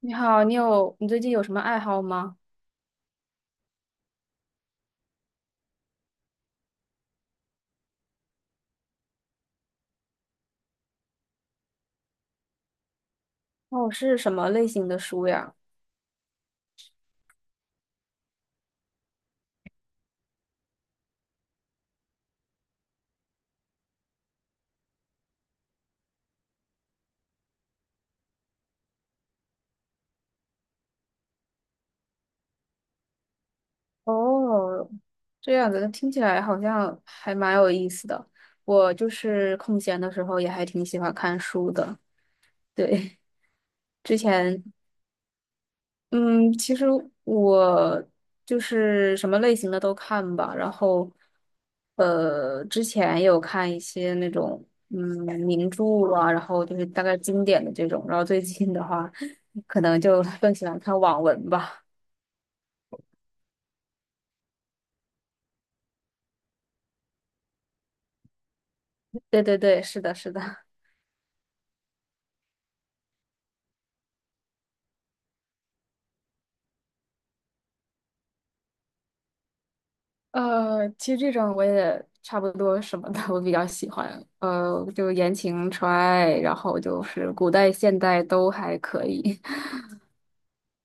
你好，你有，你最近有什么爱好吗？哦，是什么类型的书呀？哦，这样子，听起来好像还蛮有意思的。我就是空闲的时候也还挺喜欢看书的。对，之前嗯，其实我就是什么类型的都看吧，然后，之前也有看一些那种嗯名著啊，然后就是大概经典的这种，然后最近的话，可能就 更喜欢看网文吧。对对对，是的，是的。其实这种我也差不多什么的，我比较喜欢。就言情、纯爱，然后就是古代、现代都还可以。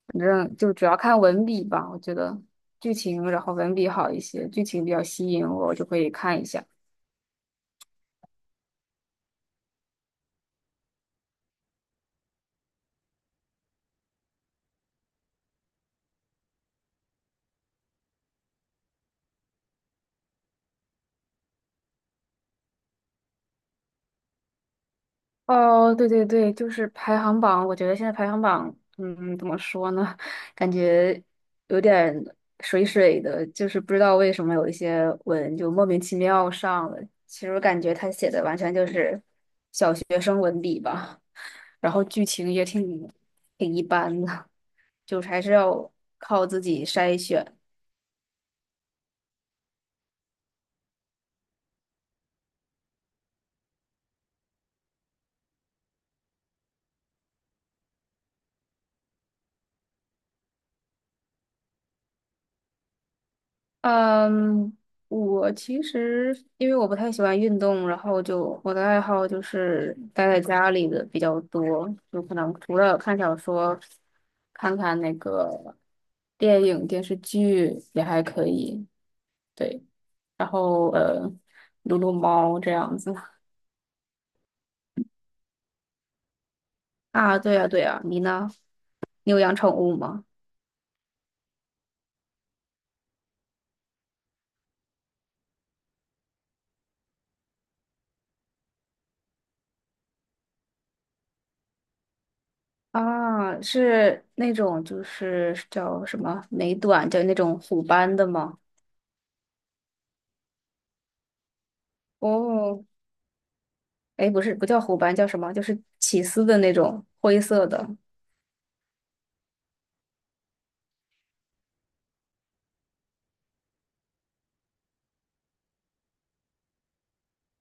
反正就主要看文笔吧，我觉得剧情，然后文笔好一些，剧情比较吸引我，我就以看一下。哦，对对对，就是排行榜，我觉得现在排行榜，嗯，怎么说呢？感觉有点水水的，就是不知道为什么有一些文就莫名其妙上了。其实我感觉他写的完全就是小学生文笔吧，然后剧情也挺一般的，就是还是要靠自己筛选。嗯，我其实因为我不太喜欢运动，然后就我的爱好就是待在家里的比较多，有可能除了看小说，看看那个电影、电视剧也还可以，对，然后撸撸猫这样子。啊，对呀，对呀，你呢？你有养宠物吗？啊，是那种就是叫什么美短，就那种虎斑的吗？哦，哎，不是，不叫虎斑，叫什么？就是起司的那种灰色的。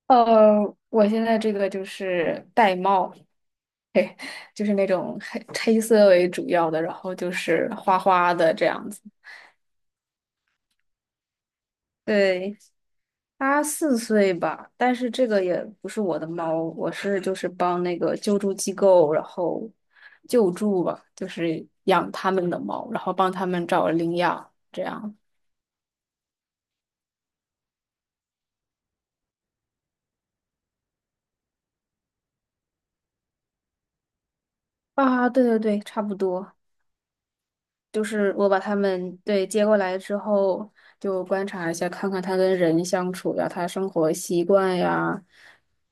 呃，我现在这个就是玳瑁，嘿，就是那种黑黑色为主要的，然后就是花花的这样子。对，它四岁吧，但是这个也不是我的猫，我是就是帮那个救助机构，然后救助吧，就是养他们的猫，然后帮他们找领养，这样。啊，对对对，差不多。就是我把他们对接过来之后，就观察一下，看看他跟人相处呀，他生活习惯呀，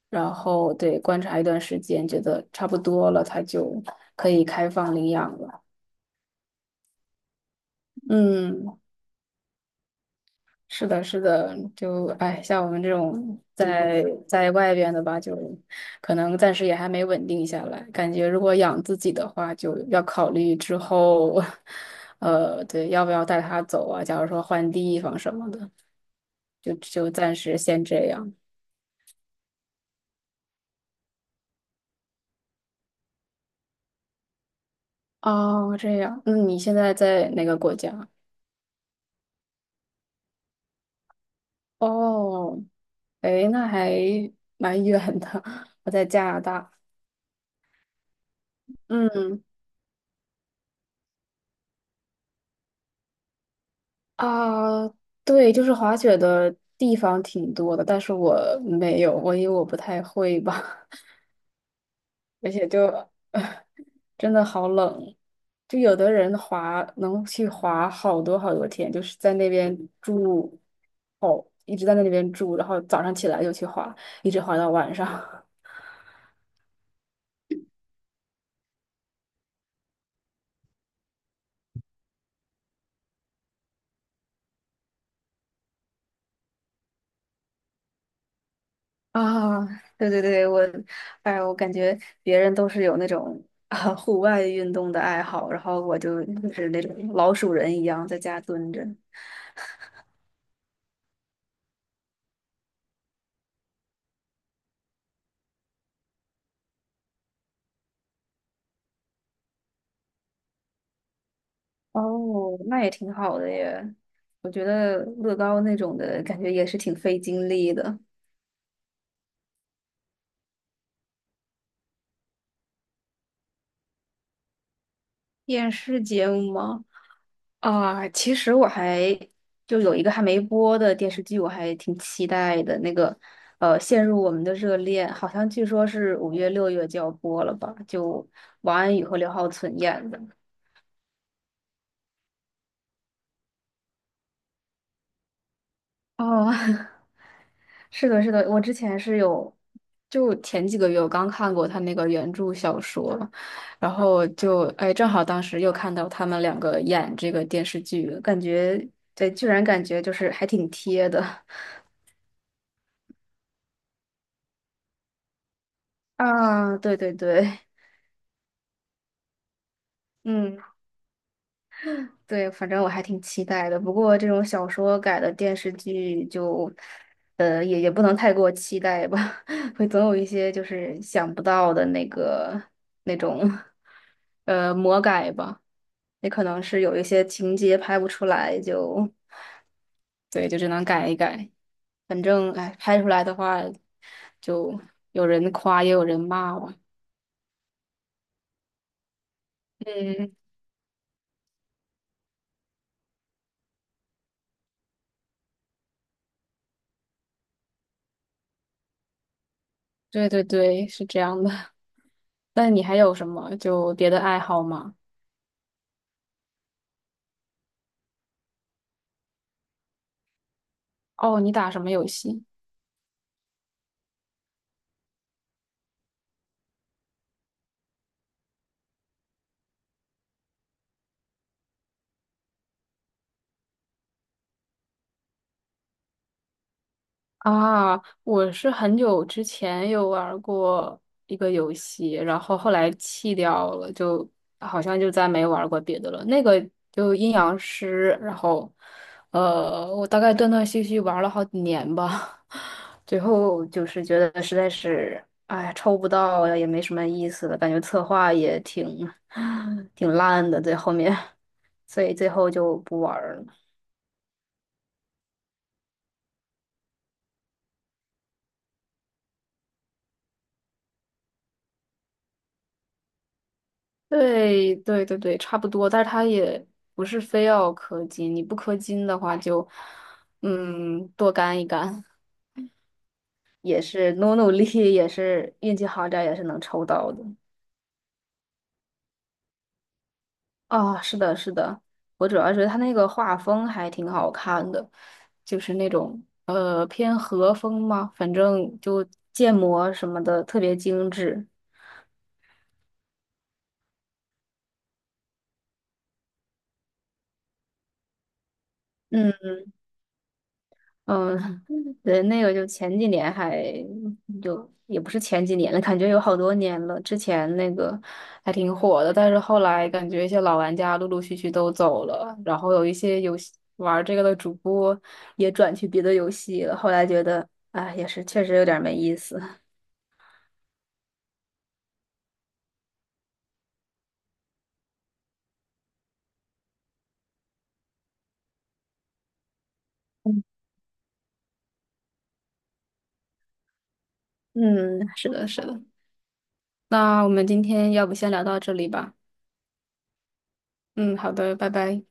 然后对观察一段时间，觉得差不多了，他就可以开放领养了。嗯，是的，是的，就哎，像我们这种在外边的吧，就可能暂时也还没稳定下来，感觉如果养自己的话，就要考虑之后。呃，对，要不要带他走啊？假如说换地方什么的。就暂时先这样。哦，这样，那你现在在哪个国家？哦，诶，那还蛮远的，我在加拿大。嗯啊，对，就是滑雪的地方挺多的，但是我没有，我因为我不太会吧，而且就 真的好冷。就有的人滑能去滑好多好多天，就是在那边住，哦，一直在那里边住，然后早上起来就去滑，一直滑到晚上。啊，对对对，我，哎，我感觉别人都是有那种啊户外运动的爱好，然后我就是那种老鼠人一样在家蹲着。哦，那也挺好的耶。我觉得乐高那种的感觉也是挺费精力的。电视节目吗？啊，其实我还就有一个还没播的电视剧，我还挺期待的。那个《陷入我们的热恋》，好像据说是五月、六月就要播了吧？就王安宇和刘浩存演的。哦，是的，是的，我之前是有，就前几个月我刚看过他那个原著小说，然后就哎，正好当时又看到他们两个演这个电视剧，感觉对，居然感觉就是还挺贴的啊！对对对。嗯，对，反正我还挺期待的。不过这种小说改的电视剧就，呃，也不能太过期待吧，会总有一些就是想不到的那个那种，呃，魔改吧。也可能是有一些情节拍不出来，就，对，就只能改一改。反正，哎，拍出来的话，就有人夸，也有人骂吧。嗯，对对对，是这样的。那你还有什么就别的爱好吗？哦，你打什么游戏啊？我是很久之前有玩过一个游戏，然后后来弃掉了，就好像就再没玩过别的了。那个就阴阳师，然后呃，我大概断断续续玩了好几年吧，最后就是觉得实在是，哎，抽不到也没什么意思了，感觉策划也挺 挺烂的，在后面，所以最后就不玩儿了。对对对对，差不多，但是它也不是非要氪金，你不氪金的话就，嗯，多干一干，也是努努力，也是运气好点儿，也是能抽到的。啊、是的，是的，我主要觉得它那个画风还挺好看的，就是那种呃偏和风嘛，反正就建模什么的特别精致。嗯。嗯，对，那个就前几年还就也不是前几年了，感觉有好多年了。之前那个还挺火的，但是后来感觉一些老玩家陆陆续续都走了，然后有一些游戏玩这个的主播也转去别的游戏了。后来觉得，哎，也是确实有点没意思。嗯，是的，是的。那我们今天要不先聊到这里吧？嗯，好的，拜拜。